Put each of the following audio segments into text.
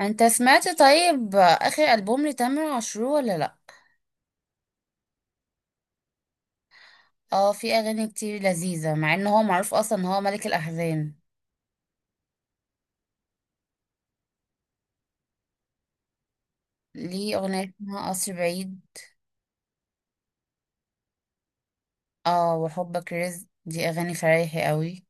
انت سمعت طيب اخر البوم لتامر عاشور ولا لا؟ اه، في اغاني كتير لذيذه، مع ان هو معروف اصلا ان هو ملك الاحزان. ليه اغنيه اسمها قصر بعيد. اه، وحبك رزق، دي اغاني فرايحي قوي.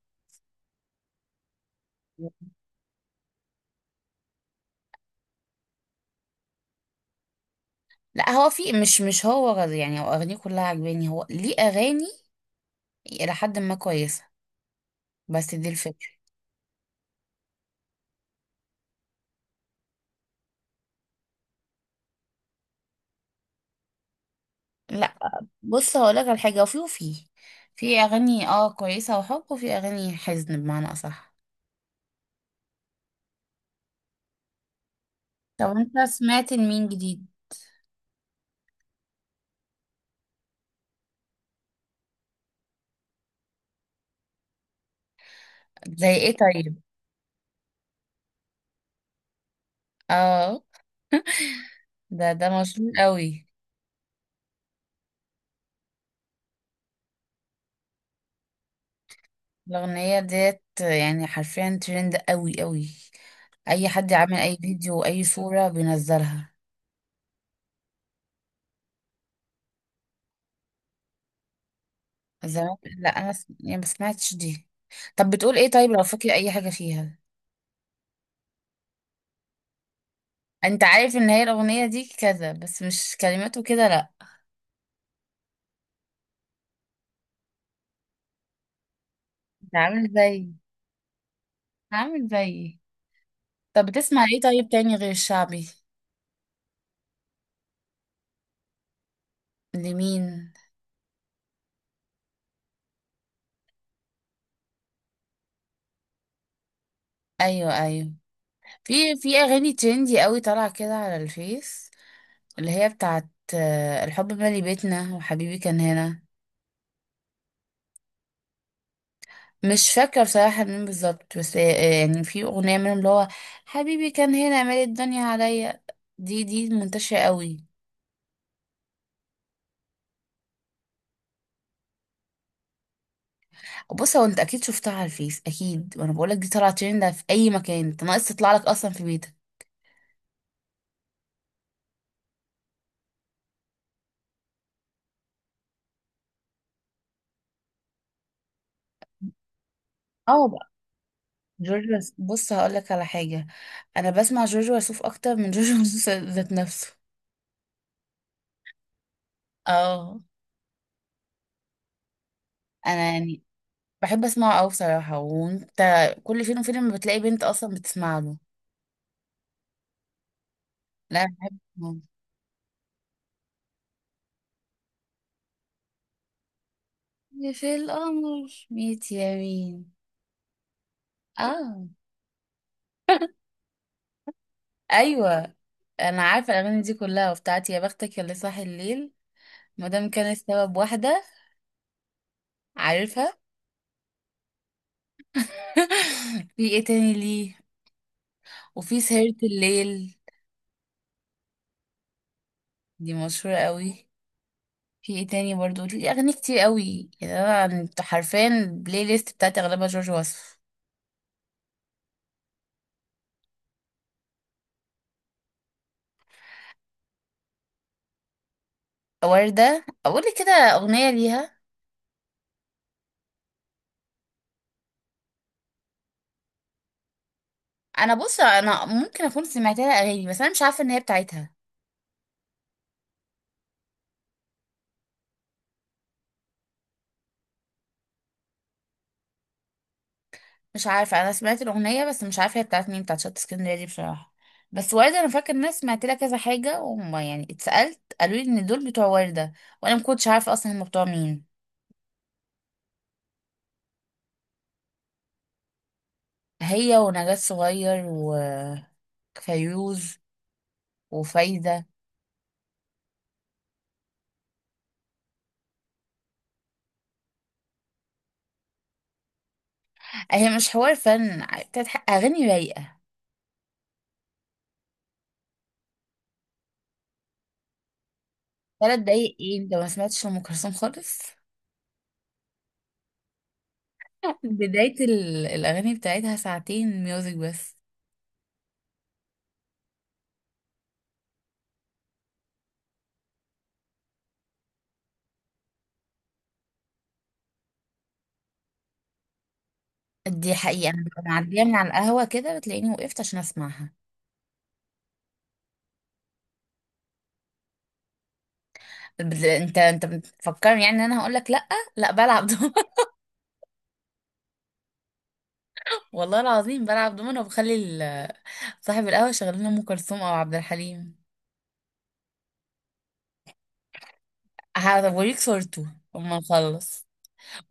لا، هو في مش هو يعني هو اغانيه كلها عجباني، هو ليه اغاني الى حد ما كويسه. بس دي الفكره. لا، بص هقولك على حاجه. وفي في اغاني اه كويسه وحب، وفي اغاني حزن بمعنى اصح. طب انت سمعت لمين جديد؟ زي ايه طيب؟ اه، ده مشهور قوي. الاغنيه ديت يعني حرفيا ترند قوي قوي. اي حد عامل اي فيديو واي صوره بينزلها. زمان لا، انا يعني ما سمعتش دي. طب بتقول ايه طيب؟ لو فاكر اي حاجه فيها. انت عارف ان هي الاغنيه دي كذا، بس مش كلماته كده لا. انت عامل زي. عامل زي. طب بتسمع ايه طيب تاني غير الشعبي؟ لمين؟ ايوه، ايوه. في اغاني ترندي قوي طالعه كده على الفيس. اللي هي بتاعت الحب مالي بيتنا وحبيبي كان هنا. مش فاكرة بصراحة مين بالظبط، بس يعني في أغنية منهم اللي هو حبيبي كان هنا مالي الدنيا عليا. دي منتشرة قوي. بص هو انت اكيد شفتها على الفيس، اكيد وانا بقولك دي طلعت ترند في اي مكان، انت ناقص تطلع لك اصلا في بيتك. اه بقى. بص هقولك على حاجة. انا بسمع جورج وسوف اكتر من جورج وسوف ذات نفسه. اه. انا يعني بحب اسمعه قوي بصراحة. وانت؟ كل فين وفين لما بتلاقي بنت اصلا بتسمع له. لا، أنا بحب اسمعه. في القمر ميت يمين. اه. ايوه. انا عارفة الاغاني دي كلها، وبتاعتي يا بختك يا اللي صاحي الليل. مادام كان السبب واحدة. عارفها. في ايه تاني ليه؟ وفي سهرة الليل. دي مشهورة قوي. في ايه تاني برضو ليه اغاني كتير قوي، يعني انا حرفيا البلاي ليست بتاعتي اغلبها جورج وسوف. وردة اقول لك كده اغنية ليها. انا بص، انا ممكن اكون سمعت لها اغاني بس انا مش عارفه ان هي بتاعتها. مش عارفه، انا سمعت الاغنيه بس مش عارفه هي بتاعت مين، بتاعت شط اسكندريه دي بصراحه. بس ورده انا فاكر ان انا سمعت لها كذا حاجه، وما يعني اتسالت قالوا لي ان دول بتوع ورده. وانا ما كنتش عارفه اصلا هم بتوع مين. هي ونجاة صغير. وفيروز. وفايده. هي مش حوار فن، بتاعت اغاني رايقه. 3 دقايق ايه؟ انت ما سمعتش لأم كلثوم خالص؟ بدايه الاغاني بتاعتها ساعتين ميوزك بس. دي حقيقة أنا ببقى معدية من على القهوة كده، بتلاقيني وقفت عشان أسمعها. أنت بتفكرني يعني إن أنا هقول لك لأ. لأ، بلعب دومنة. والله العظيم بلعب دومنة، وبخلي صاحب القهوة شغال لنا أم كلثوم أو عبد الحليم. هوريك صورته أما نخلص.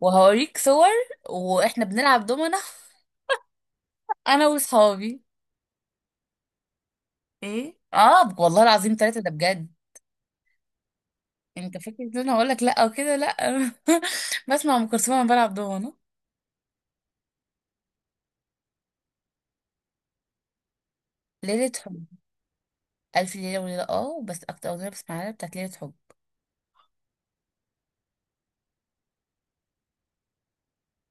وهوريك صور وإحنا بنلعب دومنة أنا وصحابي. إيه والله العظيم ثلاثة ده بجد. أنت فاكر إن أنا هقول لك لأ وكده لأ. بسمع أم كلثوم وأنا بلعب دومنة. ليلة. ألف ليلة وليلة، اه بس أكتر أغنية بسمعها لها بتاعت ليلة حب.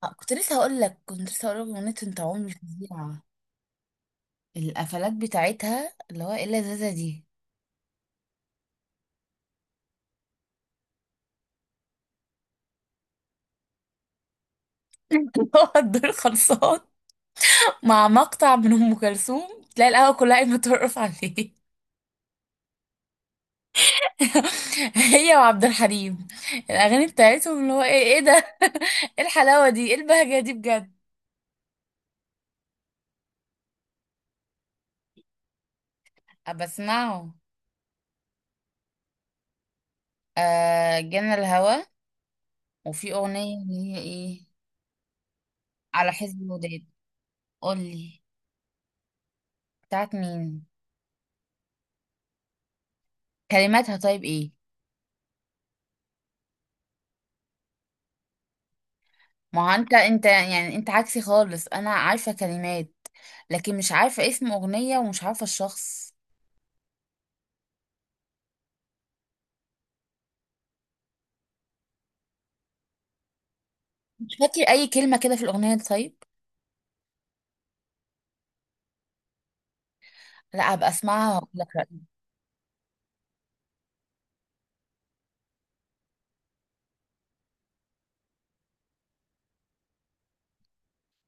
كنت لسه هقول لك أغنية أنت عمري فظيعة. القفلات بتاعتها اللي هو إيه اللذاذة دي. اللي هو الدور خلصان. مع مقطع من أم كلثوم تلاقي القهوة كلها قايمة ترقص عليه. هي وعبد الحليم. الأغاني بتاعتهم اللي هو إيه، إيه ده، إيه الحلاوة دي، إيه البهجة دي بجد. بسمعه. آه، جنى الهوى. وفي أغنية اللي هي إيه. على حزب الوداد. قولي. بتاعت مين؟ كلماتها طيب ايه؟ ما هو انت يعني انت عكسي خالص، انا عارفة كلمات لكن مش عارفة اسم اغنية ومش عارفة الشخص. مش فاكر اي كلمة كده في الاغنية دي طيب. لا، هبقى اسمعها واقول لك رأيي.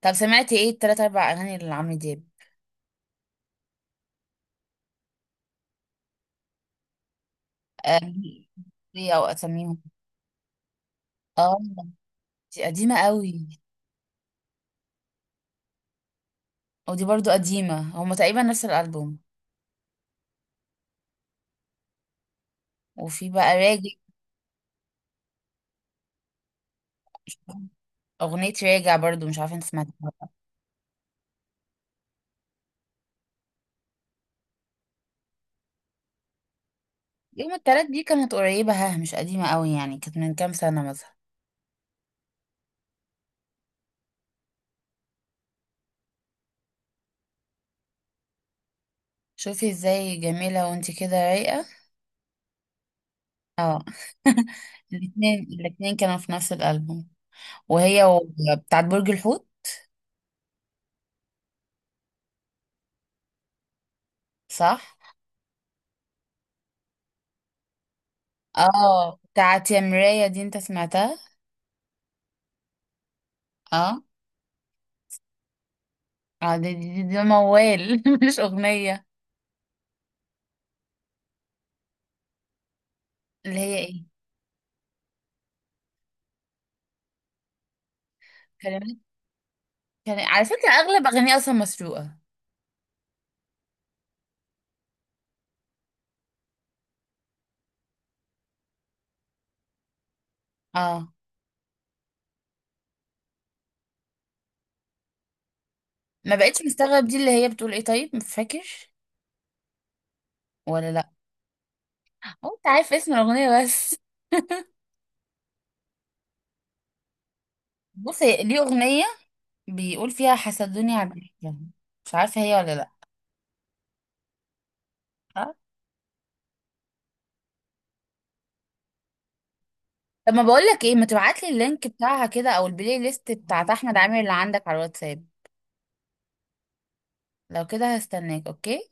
طب سمعتي ايه التلات اربع اغاني اللي عمرو دياب؟ آه، دي او اساميهم؟ اه. دي قديمة قوي. ودي برضو قديمة، هما تقريبا نفس الالبوم. وفي بقى راجع. اغنية راجع برضو مش عارفة انت سمعتها ولا لأ. يوم التلات دي كانت قريبة، ها؟ مش قديمة قوي يعني، كانت من كام سنة مثلا؟ شوفي ازاي جميلة وانتي كده رايقة. اه. الاتنين كانوا في نفس الألبوم. وهي بتاعت برج الحوت. صح. اه، بتاعت يا مراية دي انت سمعتها؟ اه. اه، دي موال، مش أغنية. اللي هي ايه؟ كلمات. كان على فكرة أغلب أغانيها أصلا مسروقة. اه. ما بقتش مستغرب، دي اللي هي بتقول ايه طيب؟ مش فاكر ولا لا؟ هو انت عارف اسم الأغنية بس؟ بصي ليه أغنية بيقول فيها حسدوني على الضحكة. مش عارفة هي ولا لا؟ اه. طب ما بقول لك ايه، ما تبعت لي اللينك بتاعها كده او البلاي ليست بتاعت احمد عامر اللي عندك على الواتساب. لو كده هستناك. اوكي.